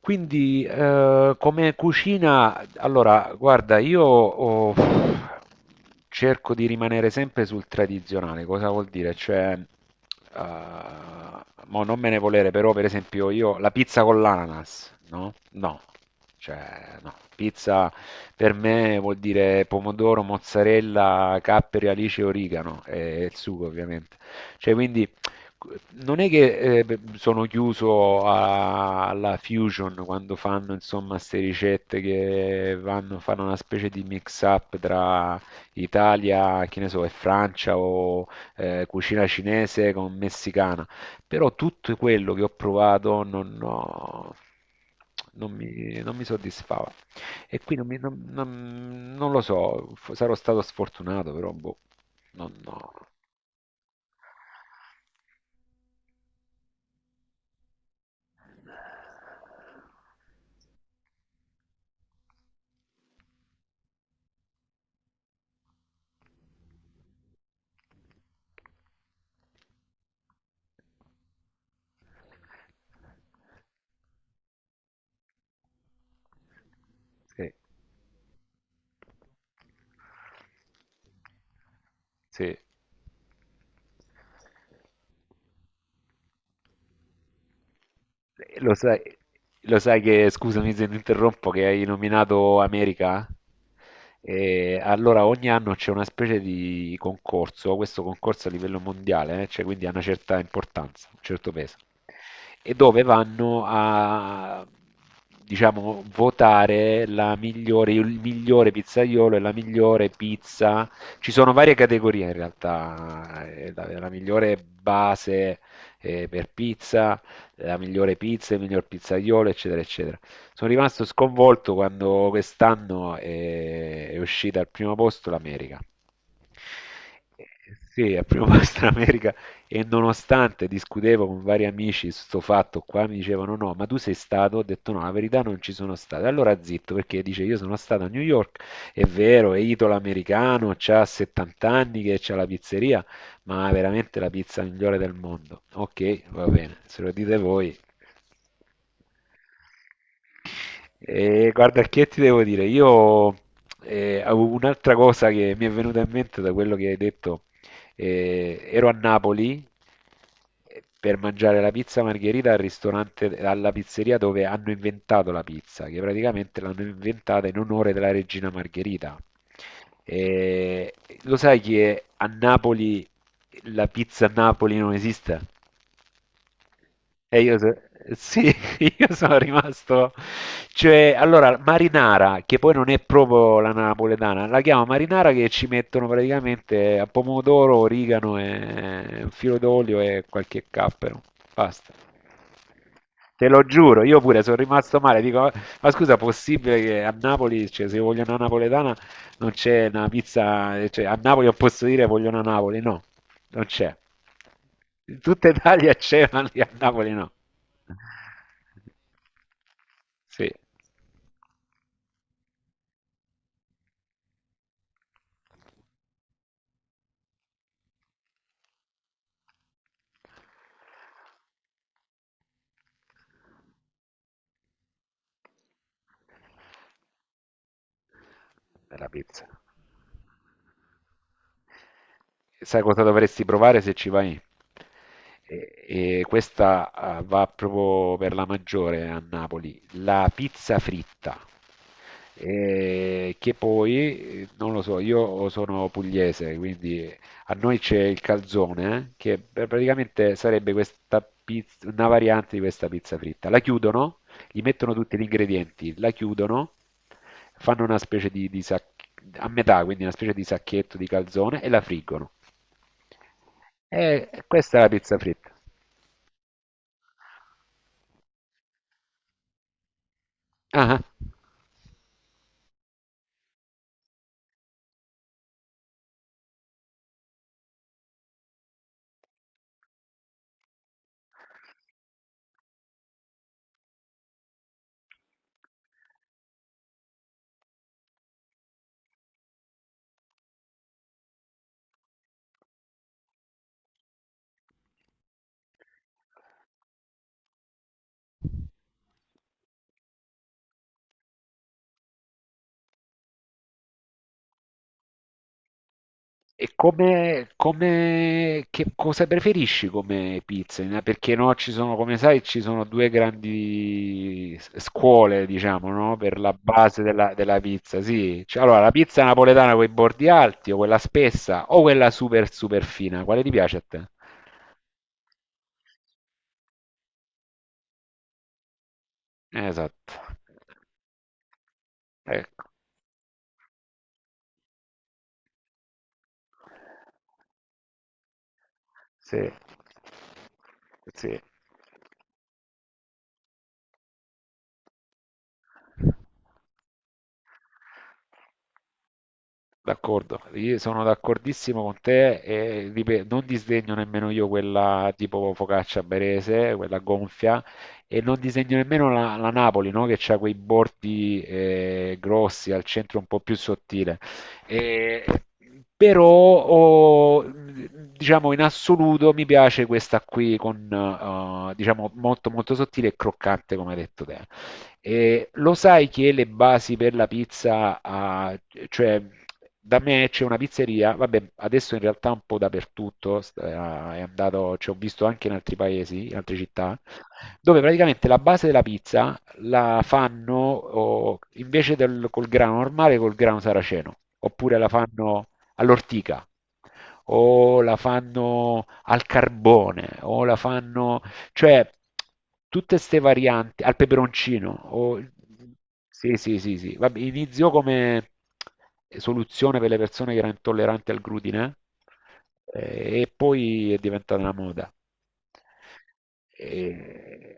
Quindi, come cucina, allora, guarda, io cerco di rimanere sempre sul tradizionale. Cosa vuol dire? Cioè, mo non me ne volere, però, per esempio, io la pizza con l'ananas, no? No, cioè, no. Pizza per me vuol dire pomodoro, mozzarella, capperi, alice, origano e il sugo, ovviamente. Cioè, quindi. Non è che sono chiuso alla fusion quando fanno insomma queste ricette che vanno, fanno una specie di mix up tra Italia, che ne so, e Francia o cucina cinese con messicana, però tutto quello che ho provato non mi soddisfava e qui non, mi- non- non- non lo so, sarò stato sfortunato, però boh, non, no. Sì, sì. Eh, Lo sai, lo sai, che, scusami se ti interrompo, che hai nominato America? E allora ogni anno c'è una specie di concorso, questo concorso a livello mondiale, cioè quindi ha una certa importanza, un certo peso, e dove vanno a, diciamo, votare la migliore, il migliore pizzaiolo e la migliore pizza. Ci sono varie categorie in realtà, la migliore base per pizza la migliore pizza, il miglior pizzaiolo, eccetera, eccetera. Sono rimasto sconvolto quando quest'anno è uscita al primo posto l'America. Eh, Sì, al primo posto l'America e nonostante discutevo con vari amici su sto fatto qua, mi dicevano no, ma tu sei stato? Ho detto no, la verità non ci sono stato. Allora zitto, perché dice io sono stato a New York, è vero, è italo-americano, c'ha 70 anni che c'ha la pizzeria, ma veramente la pizza migliore del mondo. Ok, va bene, se lo dite voi. E guarda, che ti devo dire? Io avevo un'altra cosa che mi è venuta in mente da quello che hai detto. Ero a Napoli per mangiare la pizza margherita al ristorante, alla pizzeria dove hanno inventato la pizza, che praticamente l'hanno inventata in onore della regina Margherita. Eh, Lo sai che a Napoli la pizza a Napoli non esiste? E io, so- sì, io sono rimasto, cioè, allora, marinara, che poi non è proprio la napoletana, la chiamo marinara che ci mettono praticamente a pomodoro, origano, e un filo d'olio e qualche cappero, basta. Te lo giuro, io pure sono rimasto male. Dico, ma scusa, possibile che a Napoli, cioè, se io voglio una napoletana, non c'è una pizza, cioè, a Napoli non posso dire voglio una Napoli, no, non c'è. In tutta Italia c'è, ma lì a Napoli no. Sì, è la pizza. Sai cosa dovresti provare se ci vai? E, e questa va proprio per la maggiore a Napoli, la pizza fritta. E che poi, non lo so, io sono pugliese, quindi a noi c'è il calzone, che praticamente sarebbe questa pizza, una variante di questa pizza fritta. La chiudono gli mettono tutti gli ingredienti, la chiudono, fanno una specie di, a metà, quindi una specie di sacchetto di calzone e la friggono. E questa è la pizza fritta. Ah, e che cosa preferisci come pizza? Perché no, ci sono, come sai, ci sono due grandi scuole, diciamo, no? Per la base della, pizza, sì. Cioè, allora, la pizza napoletana con i bordi alti, o quella spessa, o quella super super fina, quale ti piace a te? Esatto. Ecco, sì, sì, d'accordo. Io sono d'accordissimo con te e non disdegno nemmeno io quella tipo focaccia berese, quella gonfia, e non disdegno nemmeno la Napoli, no? Che ha quei bordi grossi, al centro un po' più sottile. E- Però, diciamo, in assoluto mi piace questa qui con, diciamo, molto molto sottile e croccante, come hai detto te. E lo sai che le basi per la pizza, cioè da me c'è una pizzeria, vabbè, adesso in realtà un po' dappertutto, è andato, ci ho visto anche in altri paesi, in altre città, dove praticamente la base della pizza la fanno invece col grano normale, col grano saraceno, oppure la fanno all'ortica, o la fanno al carbone, o la fanno cioè, tutte ste varianti al peperoncino. Sì, sì, sì, sì. Vabbè, iniziò come soluzione per le persone che erano intolleranti al glutine e poi è diventata una moda. E-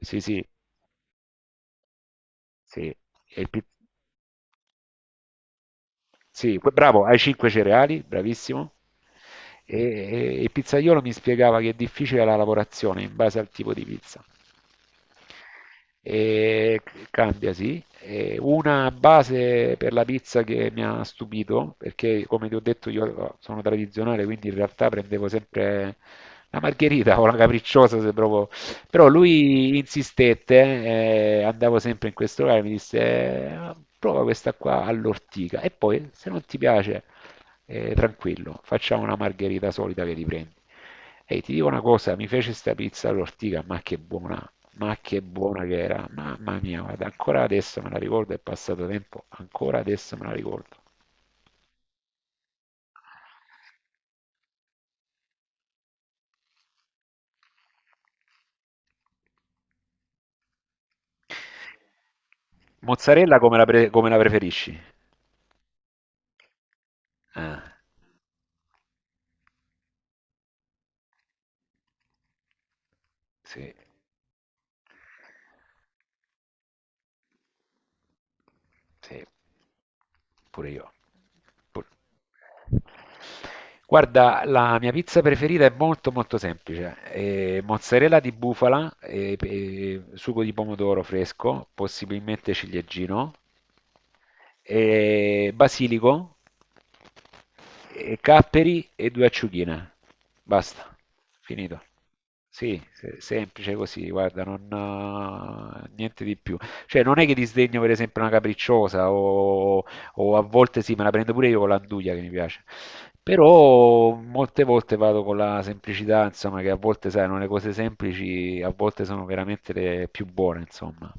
Sì, sì, sì. E il pi- sì, bravo, hai 5 cereali, bravissimo. E, il pizzaiolo mi spiegava che è difficile la lavorazione in base al tipo di pizza. E cambia, sì. E una base per la pizza che mi ha stupito, perché come ti ho detto io sono tradizionale, quindi in realtà prendevo sempre la margherita o la capricciosa se proprio. Però lui insistette, andavo sempre in questo locale, mi disse Prova questa qua all'ortica e poi se non ti piace tranquillo, facciamo una margherita solida che riprendi. E ti dico una cosa, mi fece sta pizza all'ortica, ma che buona che era, mamma mia, guarda, ancora adesso me la ricordo, è passato tempo, ancora adesso me la ricordo. Mozzarella come la preferisci? Ah, sì, sì, pure io. Pur- Guarda, la mia pizza preferita è molto molto semplice. Mozzarella di bufala, sugo di pomodoro fresco, possibilmente ciliegino, basilico e capperi e due acciughine. Basta, finito. Sì, semplice così, guarda, non, niente di più. Cioè, non è che disdegno per esempio una capricciosa o, a volte sì, me la prendo pure io con l'anduglia che mi piace. Però molte volte vado con la semplicità, insomma, che a volte, sai, no, le cose semplici a volte sono veramente le più buone, insomma.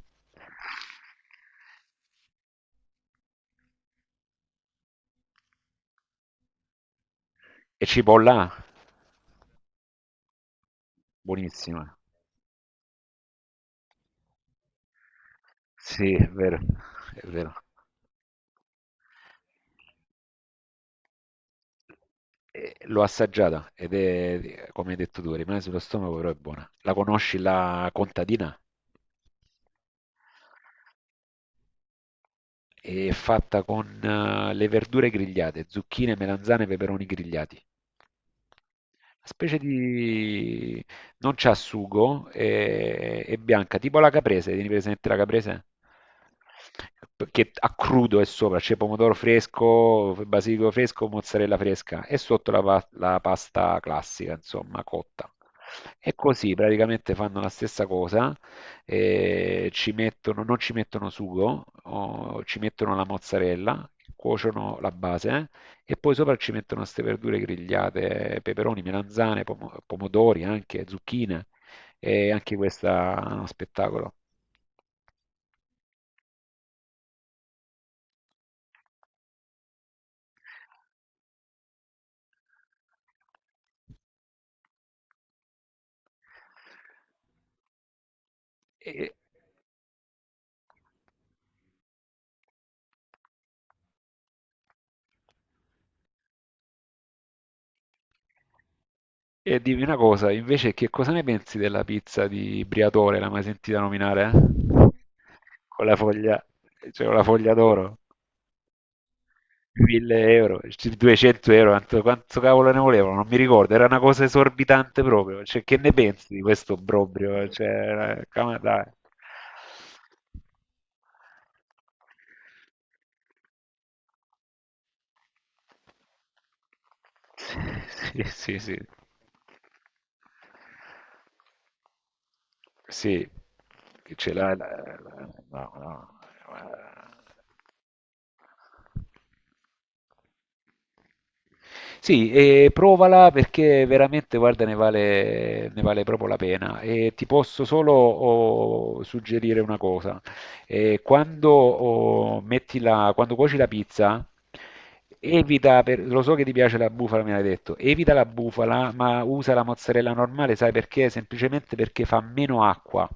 E cipolla, buonissima. Sì, è vero, è vero. L'ho assaggiata ed è, come hai detto tu, rimane sullo stomaco, però è buona. La conosci la contadina? È fatta con le verdure grigliate, zucchine, melanzane, peperoni grigliati. Una specie di, non c'ha sugo, è bianca, tipo la caprese, tieni presente la caprese? Che a crudo è sopra, c'è pomodoro fresco, basilico fresco, mozzarella fresca e sotto la pasta classica, insomma, cotta. E così praticamente fanno la stessa cosa, non ci mettono sugo, o ci mettono la mozzarella, cuociono la base e poi sopra ci mettono queste verdure grigliate, peperoni, melanzane, pomodori, anche zucchine, e anche questa è uno spettacolo. E, e dimmi una cosa, invece, che cosa ne pensi della pizza di Briatore? L'hai mai sentita nominare? Eh? Con la foglia, cioè con la foglia d'oro? 1000 euro, 200 euro, quanto cavolo ne volevano, non mi ricordo, era una cosa esorbitante proprio, cioè che ne pensi di questo obbrobrio? Cioè, dai. Sì, sì, sì. Sì, che ce l'ha no, no. Sì, e provala perché veramente, guarda, ne vale proprio la pena. E ti posso solo suggerire una cosa. E quando cuoci la pizza, evita, lo so che ti piace la bufala, me l'hai detto, evita la bufala, ma usa la mozzarella normale, sai perché? Semplicemente perché fa meno acqua.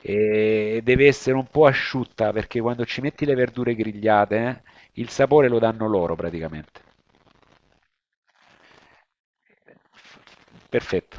E deve essere un po' asciutta perché quando ci metti le verdure grigliate, il sapore lo danno loro praticamente. Perfetto.